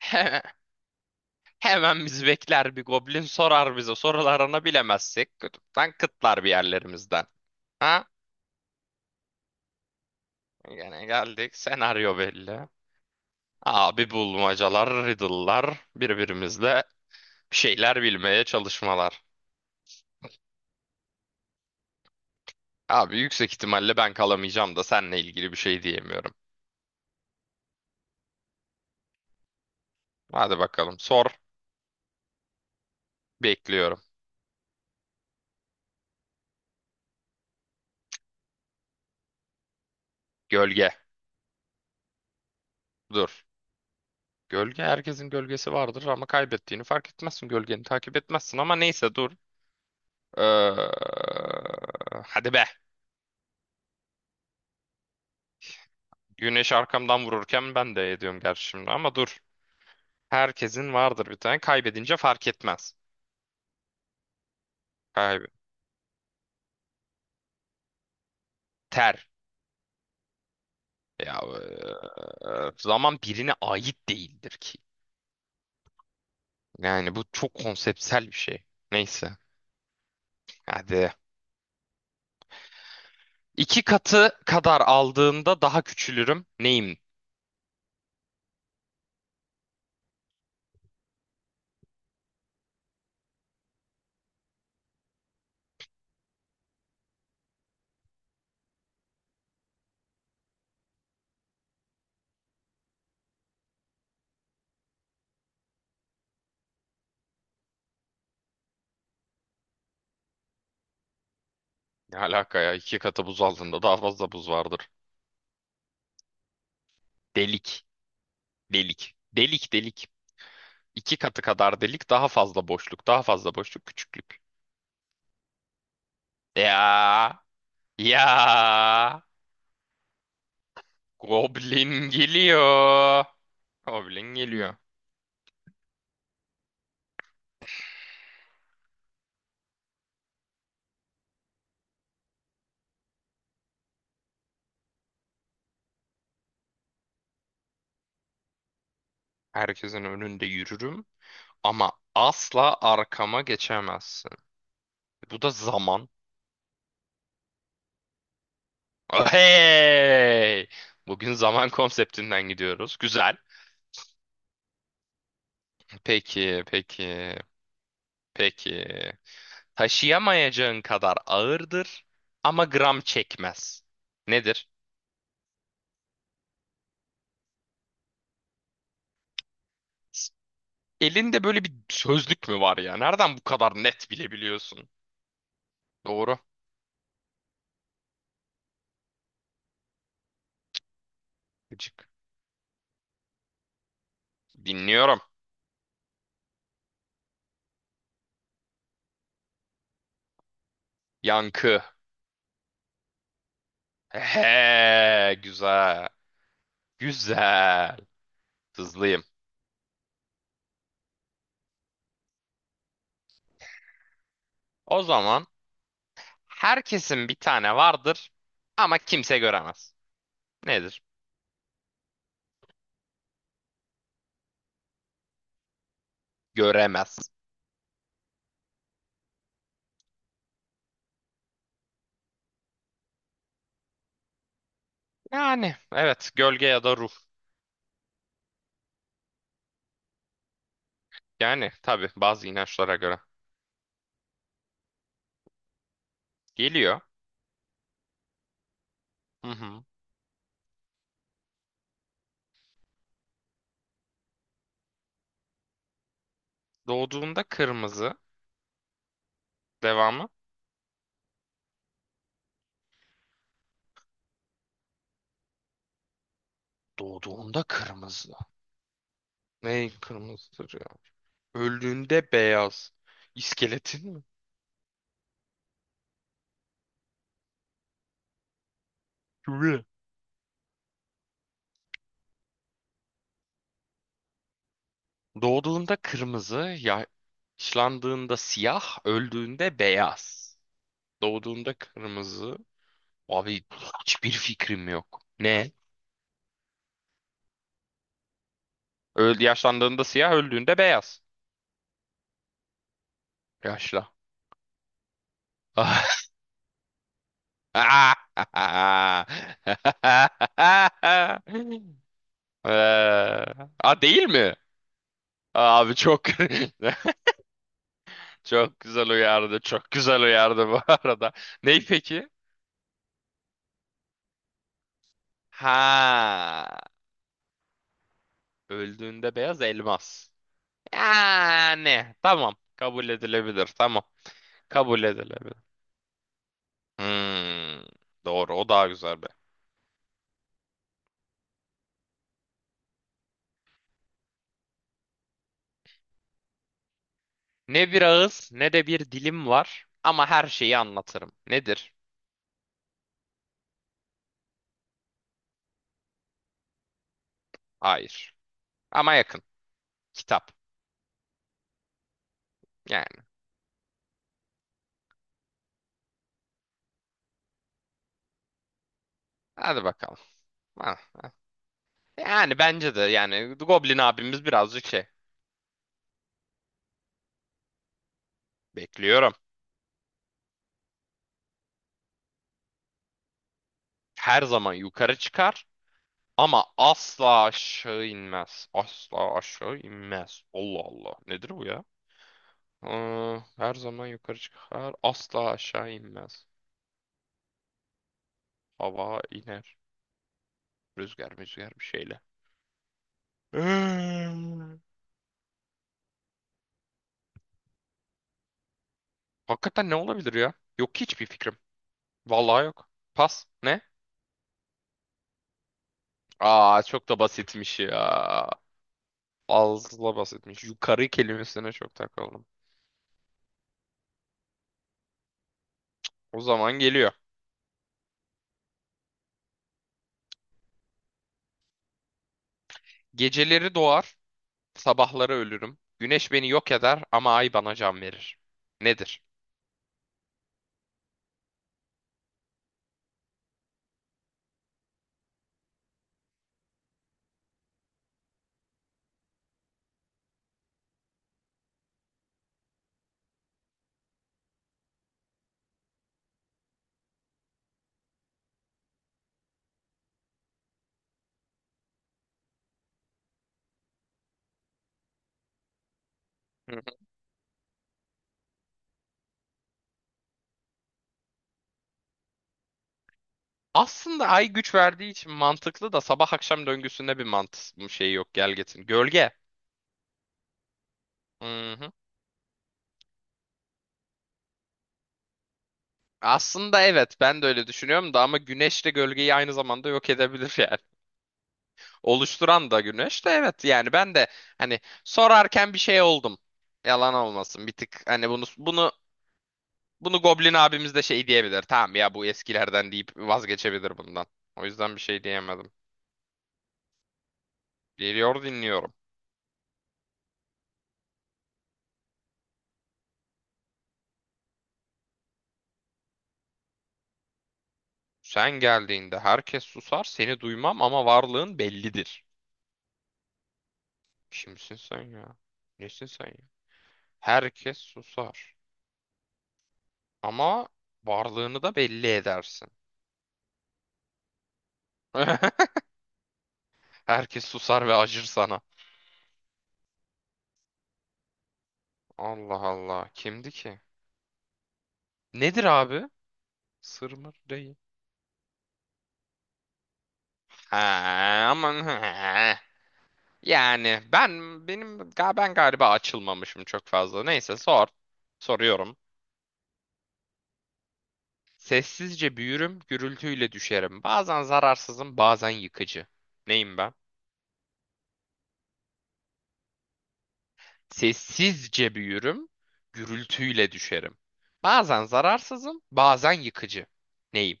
He- Hemen bizi bekler bir goblin sorar bize. Sorularını bilemezsek kütükten kıtlar bir yerlerimizden. Ha? Gene geldik. Senaryo belli. Abi bulmacalar, riddle'lar, birbirimizle bir şeyler bilmeye çalışmalar. Abi yüksek ihtimalle ben kalamayacağım da seninle ilgili bir şey diyemiyorum. Hadi bakalım sor. Bekliyorum. Gölge. Dur. Gölge herkesin gölgesi vardır ama kaybettiğini fark etmezsin. Gölgeni takip etmezsin ama neyse dur. Ee, Hadi be. Güneş arkamdan vururken ben de ediyorum gerçi şimdi ama dur. Herkesin vardır bir tane. Kaybedince fark etmez. Kayb ter. Ya zaman birine ait değildir ki. Yani bu çok konseptsel bir şey. Neyse. Hadi. İki katı kadar aldığımda daha küçülürüm. Neyim? Ne alaka ya? İki katı buz aldığında daha fazla buz vardır. Delik. Delik. Delik delik. İki katı kadar delik, daha fazla boşluk, daha fazla boşluk, küçüklük. Ya, ya, Goblin geliyor. Goblin geliyor. Herkesin önünde yürürüm ama asla arkama geçemezsin. Bu da zaman. Hey! Bugün zaman konseptinden gidiyoruz. Güzel. Peki, peki, peki. Taşıyamayacağın kadar ağırdır ama gram çekmez. Nedir? Elinde böyle bir sözlük mü var ya? Nereden bu kadar net bilebiliyorsun? Doğru. Gıcık. Dinliyorum. Yankı. He, güzel. Güzel. Hızlıyım. O zaman herkesin bir tane vardır ama kimse göremez. Nedir? Göremez. Yani evet gölge ya da ruh. Yani tabii bazı inançlara göre. Geliyor. Hı hı. Doğduğunda kırmızı. Devamı. Doğduğunda kırmızı. Ne kırmızı? Öldüğünde beyaz. İskeletin mi? Kıvrı. Doğduğunda kırmızı, yaşlandığında siyah, öldüğünde beyaz. Doğduğunda kırmızı. Abi hiçbir fikrim yok. Ne? Öl yaşlandığında siyah, öldüğünde beyaz. Yaşla. Eee, A değil mi? Abi çok çok güzel uyardı. Çok güzel uyardı bu arada. Ney peki? Ha, öldüğünde beyaz elmas. Yani tamam kabul edilebilir tamam kabul edilebilir. Hmm, doğru o daha güzel be. Ne bir ağız ne de bir dilim var ama her şeyi anlatırım. Nedir? Hayır. Ama yakın. Kitap. Yani hadi bakalım. Ha, ha. Yani bence de yani Goblin abimiz birazcık şey. Bekliyorum. Her zaman yukarı çıkar. Ama asla aşağı inmez. Asla aşağı inmez. Allah Allah. Nedir bu ya? Her zaman yukarı çıkar. Asla aşağı inmez. Hava iner. Rüzgar bir şeyle. Hmm. Hakikaten ne olabilir ya? Yok ki hiçbir fikrim. Vallahi yok. Pas. Ne? Aa çok da basitmiş ya. Fazla basitmiş. Yukarı kelimesine çok takıldım. O zaman geliyor. Geceleri doğar. Sabahları ölürüm. Güneş beni yok eder ama ay bana can verir. Nedir? Hı hı. Aslında ay güç verdiği için mantıklı da sabah akşam döngüsünde bir mantık şey yok gelgetin. Gölge. Hı hı. Aslında evet ben de öyle düşünüyorum da ama güneş de gölgeyi aynı zamanda yok edebilir yani. Oluşturan da güneş de evet yani ben de hani sorarken bir şey oldum. Yalan olmasın bir tık hani bunu Goblin abimiz de şey diyebilir. Tamam ya bu eskilerden deyip vazgeçebilir bundan. O yüzden bir şey diyemedim. Geliyor dinliyorum. Sen geldiğinde herkes susar, seni duymam ama varlığın bellidir. Kimsin sen ya? Nesin sen ya? Herkes susar ama varlığını da belli edersin. Herkes susar ve acır sana. Allah Allah. Kimdi ki? Nedir abi? Sır mır değil. Ha, aman he. Yani ben galiba açılmamışım çok fazla. Neyse sor. Soruyorum. Sessizce büyürüm, gürültüyle düşerim. Bazen zararsızım, bazen yıkıcı. Neyim ben? Sessizce büyürüm, gürültüyle düşerim. Bazen zararsızım, bazen yıkıcı. Neyim?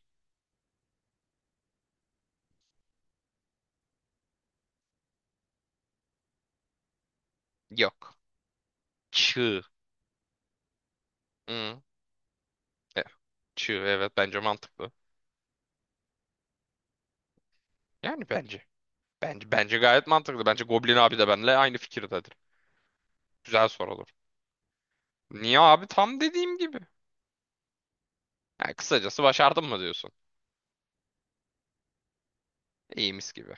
Yok. Çığ. Hı. e, Çığ evet bence mantıklı. Yani bence. Bence gayet mantıklı. Bence Goblin abi de benimle aynı fikirdedir. Güzel sorulur. Niye abi? Tam dediğim gibi. Yani kısacası başardım mı diyorsun? İyi mis gibi.